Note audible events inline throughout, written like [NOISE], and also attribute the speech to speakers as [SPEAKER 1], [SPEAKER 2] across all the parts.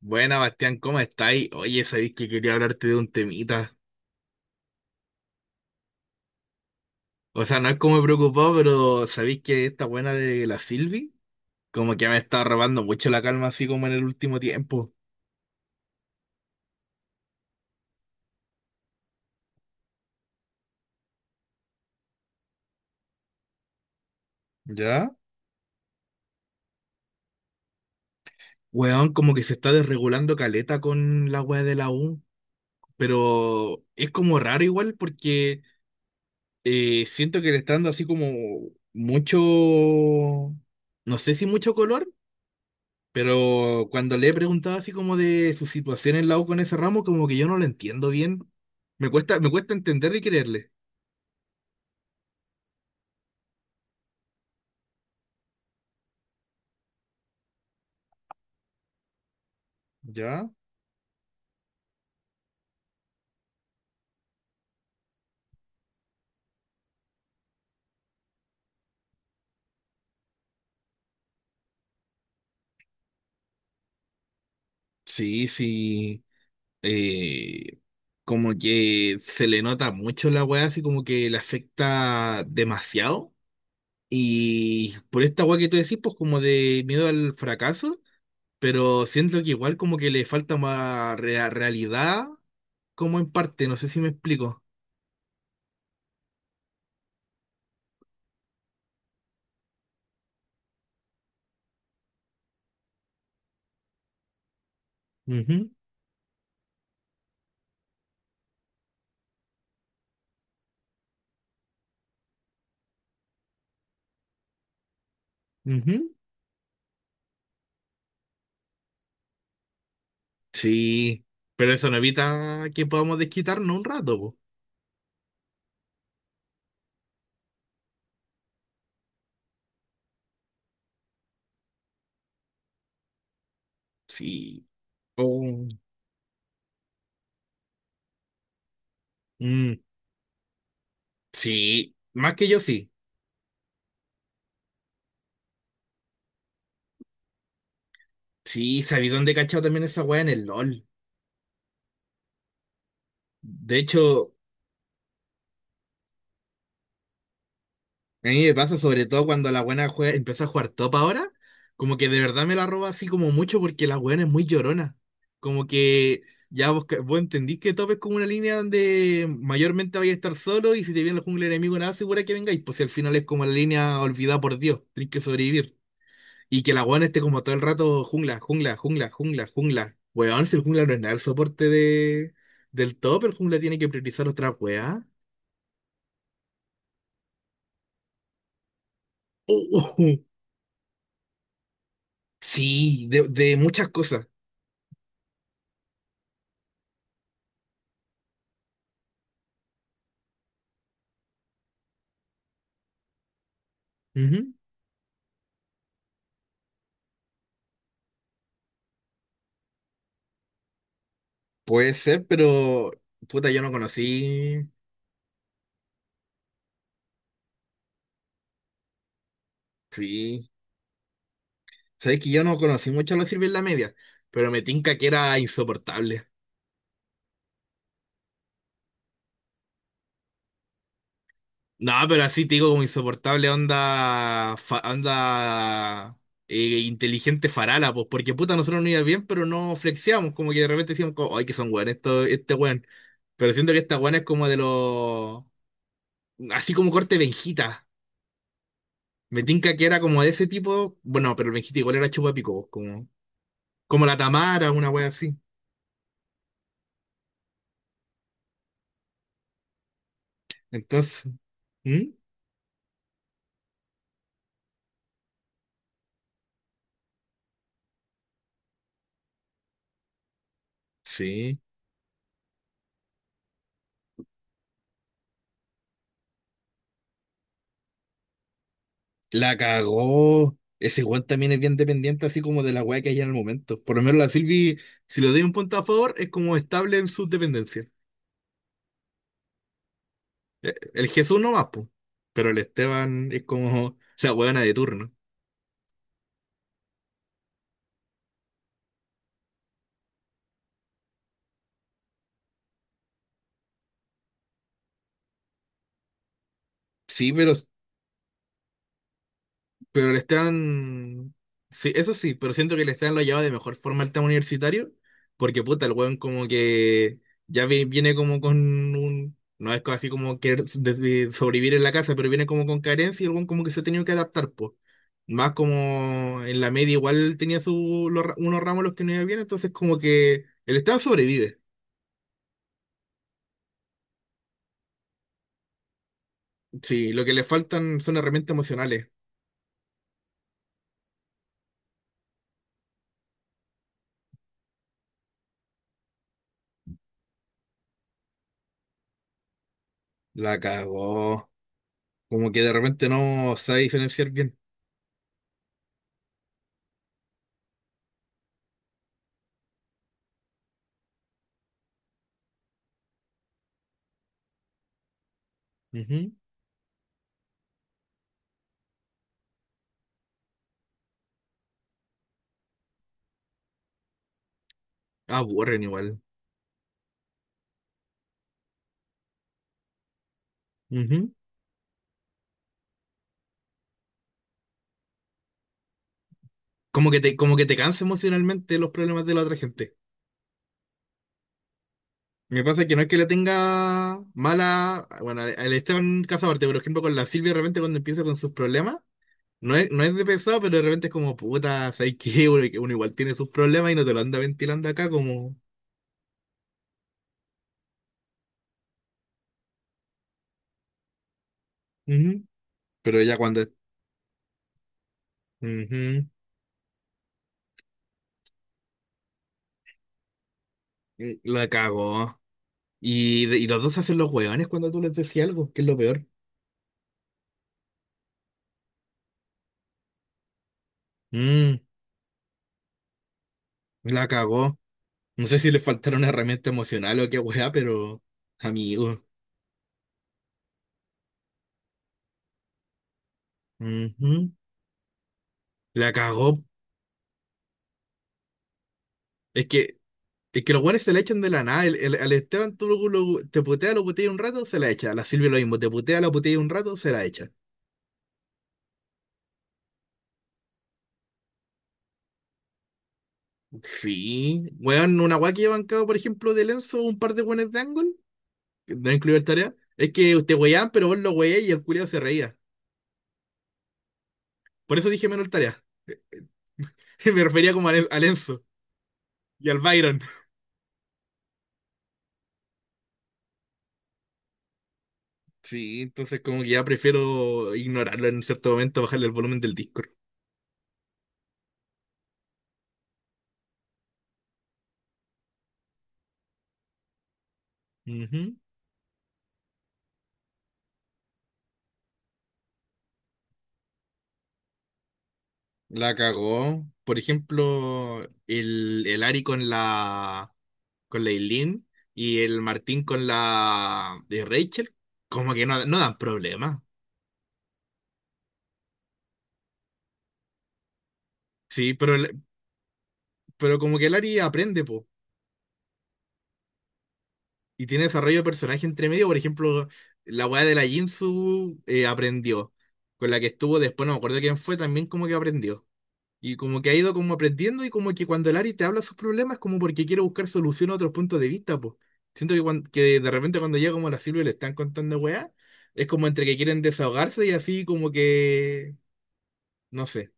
[SPEAKER 1] Buena, Bastián, ¿cómo estáis? Oye, sabéis que quería hablarte de un temita. O sea, no es como preocupado, pero sabéis que esta buena de la Silvi, como que me está robando mucho la calma, así como en el último tiempo. ¿Ya? Weón, como que se está desregulando caleta con la wea de la U, pero es como raro igual porque siento que le está dando así como mucho, no sé si mucho color. Pero cuando le he preguntado así como de su situación en la U con ese ramo, como que yo no lo entiendo bien. Me cuesta entender y creerle. ¿Ya? Sí, sí. Eh, como que se le nota mucho la weá, así como que le afecta demasiado. Y por esta weá que tú decís, pues como de miedo al fracaso, pero siento que igual como que le falta más realidad, como en parte, no sé si me explico. Ujú, ujú. Sí, pero eso no evita que podamos desquitarnos un rato, po. Sí. Oh, mm, sí, más que yo sí. Sí, sabí dónde he cachado también esa weá en el LOL. De hecho, a mí me pasa sobre todo cuando la buena juega, empieza a jugar top ahora, como que de verdad me la roba así como mucho porque la buena es muy llorona. Como que ya vos, vos entendís que top es como una línea donde mayormente vais a estar solo y si te viene el jungla enemigo nada segura que vengáis, pues si al final es como la línea olvidada por Dios, tenés que sobrevivir. Y que la weón esté como todo el rato jungla, jungla, jungla, jungla, jungla. Weón, si el jungla no es nada el soporte de, del top, el jungla tiene que priorizar otra weá. Oh, oh, oh. Sí, de muchas cosas. Ujú. Puede ser, pero puta, yo no conocí. Sí. Sabes que yo no conocí mucho a los sirve en la media, pero me tinca que era insoportable. No, pero así te digo como insoportable onda, onda inteligente farala, pues, porque puta, nosotros no iba bien, pero no flexiamos, como que de repente decíamos, como, ay, que son weón, esto, este weón. Pero siento que esta weón es como de los, así como corte Benjita. Me tinca que era como de ese tipo, bueno, pero el Benjita igual era chupapico, pues, como, como la Tamara, una wea así. Entonces, ¿mm? Sí. La cagó. Ese weón también es bien dependiente, así como de la weá que hay en el momento. Por lo menos la Silvi, si le doy un punto a favor, es como estable en sus dependencias. El Jesús no más, po. Pero el Esteban es como [LAUGHS] la weona de turno. Sí, pero le están. Sí, eso sí, pero siento que le están lo ha llevado de mejor forma al tema universitario, porque puta, el weón como que ya viene como con un. No es así como querer de sobrevivir en la casa, pero viene como con carencia y el weón como que se ha tenido que adaptar, pues. Más como en la media igual tenía su, los unos ramos los que no iba bien, entonces como que el Estado sobrevive. Sí, lo que le faltan son herramientas emocionales. La cagó. Como que de repente no sabe diferenciar bien. Ujú. Aburren igual. Ujú. Como que te cansa emocionalmente los problemas de la otra gente. Me pasa que no es que le tenga mala, bueno, al Esteban Casabarte, por ejemplo, con la Silvia, de repente cuando empieza con sus problemas, no es de pesado, pero de repente es como, puta, ¿sabes qué? Uno, que uno igual tiene sus problemas y no te lo anda ventilando acá como... Ujú. Pero ella cuando... es- Ujú. Mm, la cagó. Y, de- y los dos se hacen los hueones cuando tú les decís algo, que es lo peor. Mm, la cagó. No sé si le faltaron herramienta emocional o qué hueá, pero... Amigo. Ujú. La cagó. Es que, es que los buenos se la echan de la nada. Al Esteban tú te putea, lo putea un rato, se la echa. A la Silvia lo mismo, te putea, la putea un rato, se la echa. Sí. Weón, una guay que yo he bancado, por ejemplo, de Lenzo, un par de buenos de Angle, que no incluye el tarea. Es que te weaban, pero vos lo weé y el culiao se reía. Por eso dije menos el tarea. [LAUGHS] Me refería como a, a Lenzo y al Byron. Sí, entonces como que ya prefiero ignorarlo en cierto momento, bajarle el volumen del Discord. Ujú. La cagó. Por ejemplo, el Ari con la Eileen y el Martín con la de Rachel, como que no, no dan problemas. Sí, pero, el- pero como que el Ari aprende, po. Y tiene desarrollo de personaje entre medio. Por ejemplo, la weá de la Jinsu aprendió. Con la que estuvo después, no me acuerdo quién fue, también como que aprendió. Y como que ha ido como aprendiendo y como que cuando el Ari te habla sus problemas como porque quiere buscar solución a otros puntos de vista, pues. Siento que, cuan- que de repente cuando llega como la Silvia y le están contando weá, es como entre que quieren desahogarse y así como que, no sé.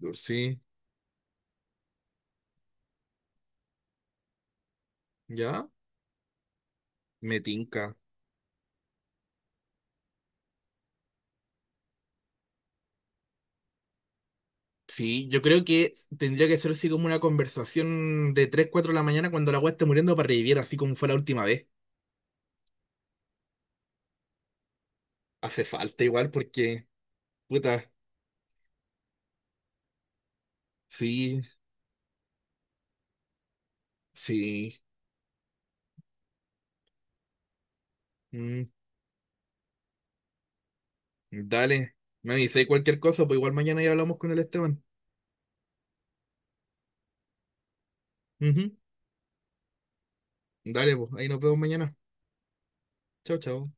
[SPEAKER 1] Ujú. Sí, ya, me tinca. Sí, yo creo que tendría que ser así como una conversación de 3 o 4 de la mañana cuando la weá esté muriendo para revivir, así como fue la última vez. Hace falta igual porque, puta, sí, sí. Mm. Dale, me avisé cualquier cosa, pues igual mañana ya hablamos con el Esteban. Ujú. Dale, pues, ahí nos vemos mañana. Chao, chao.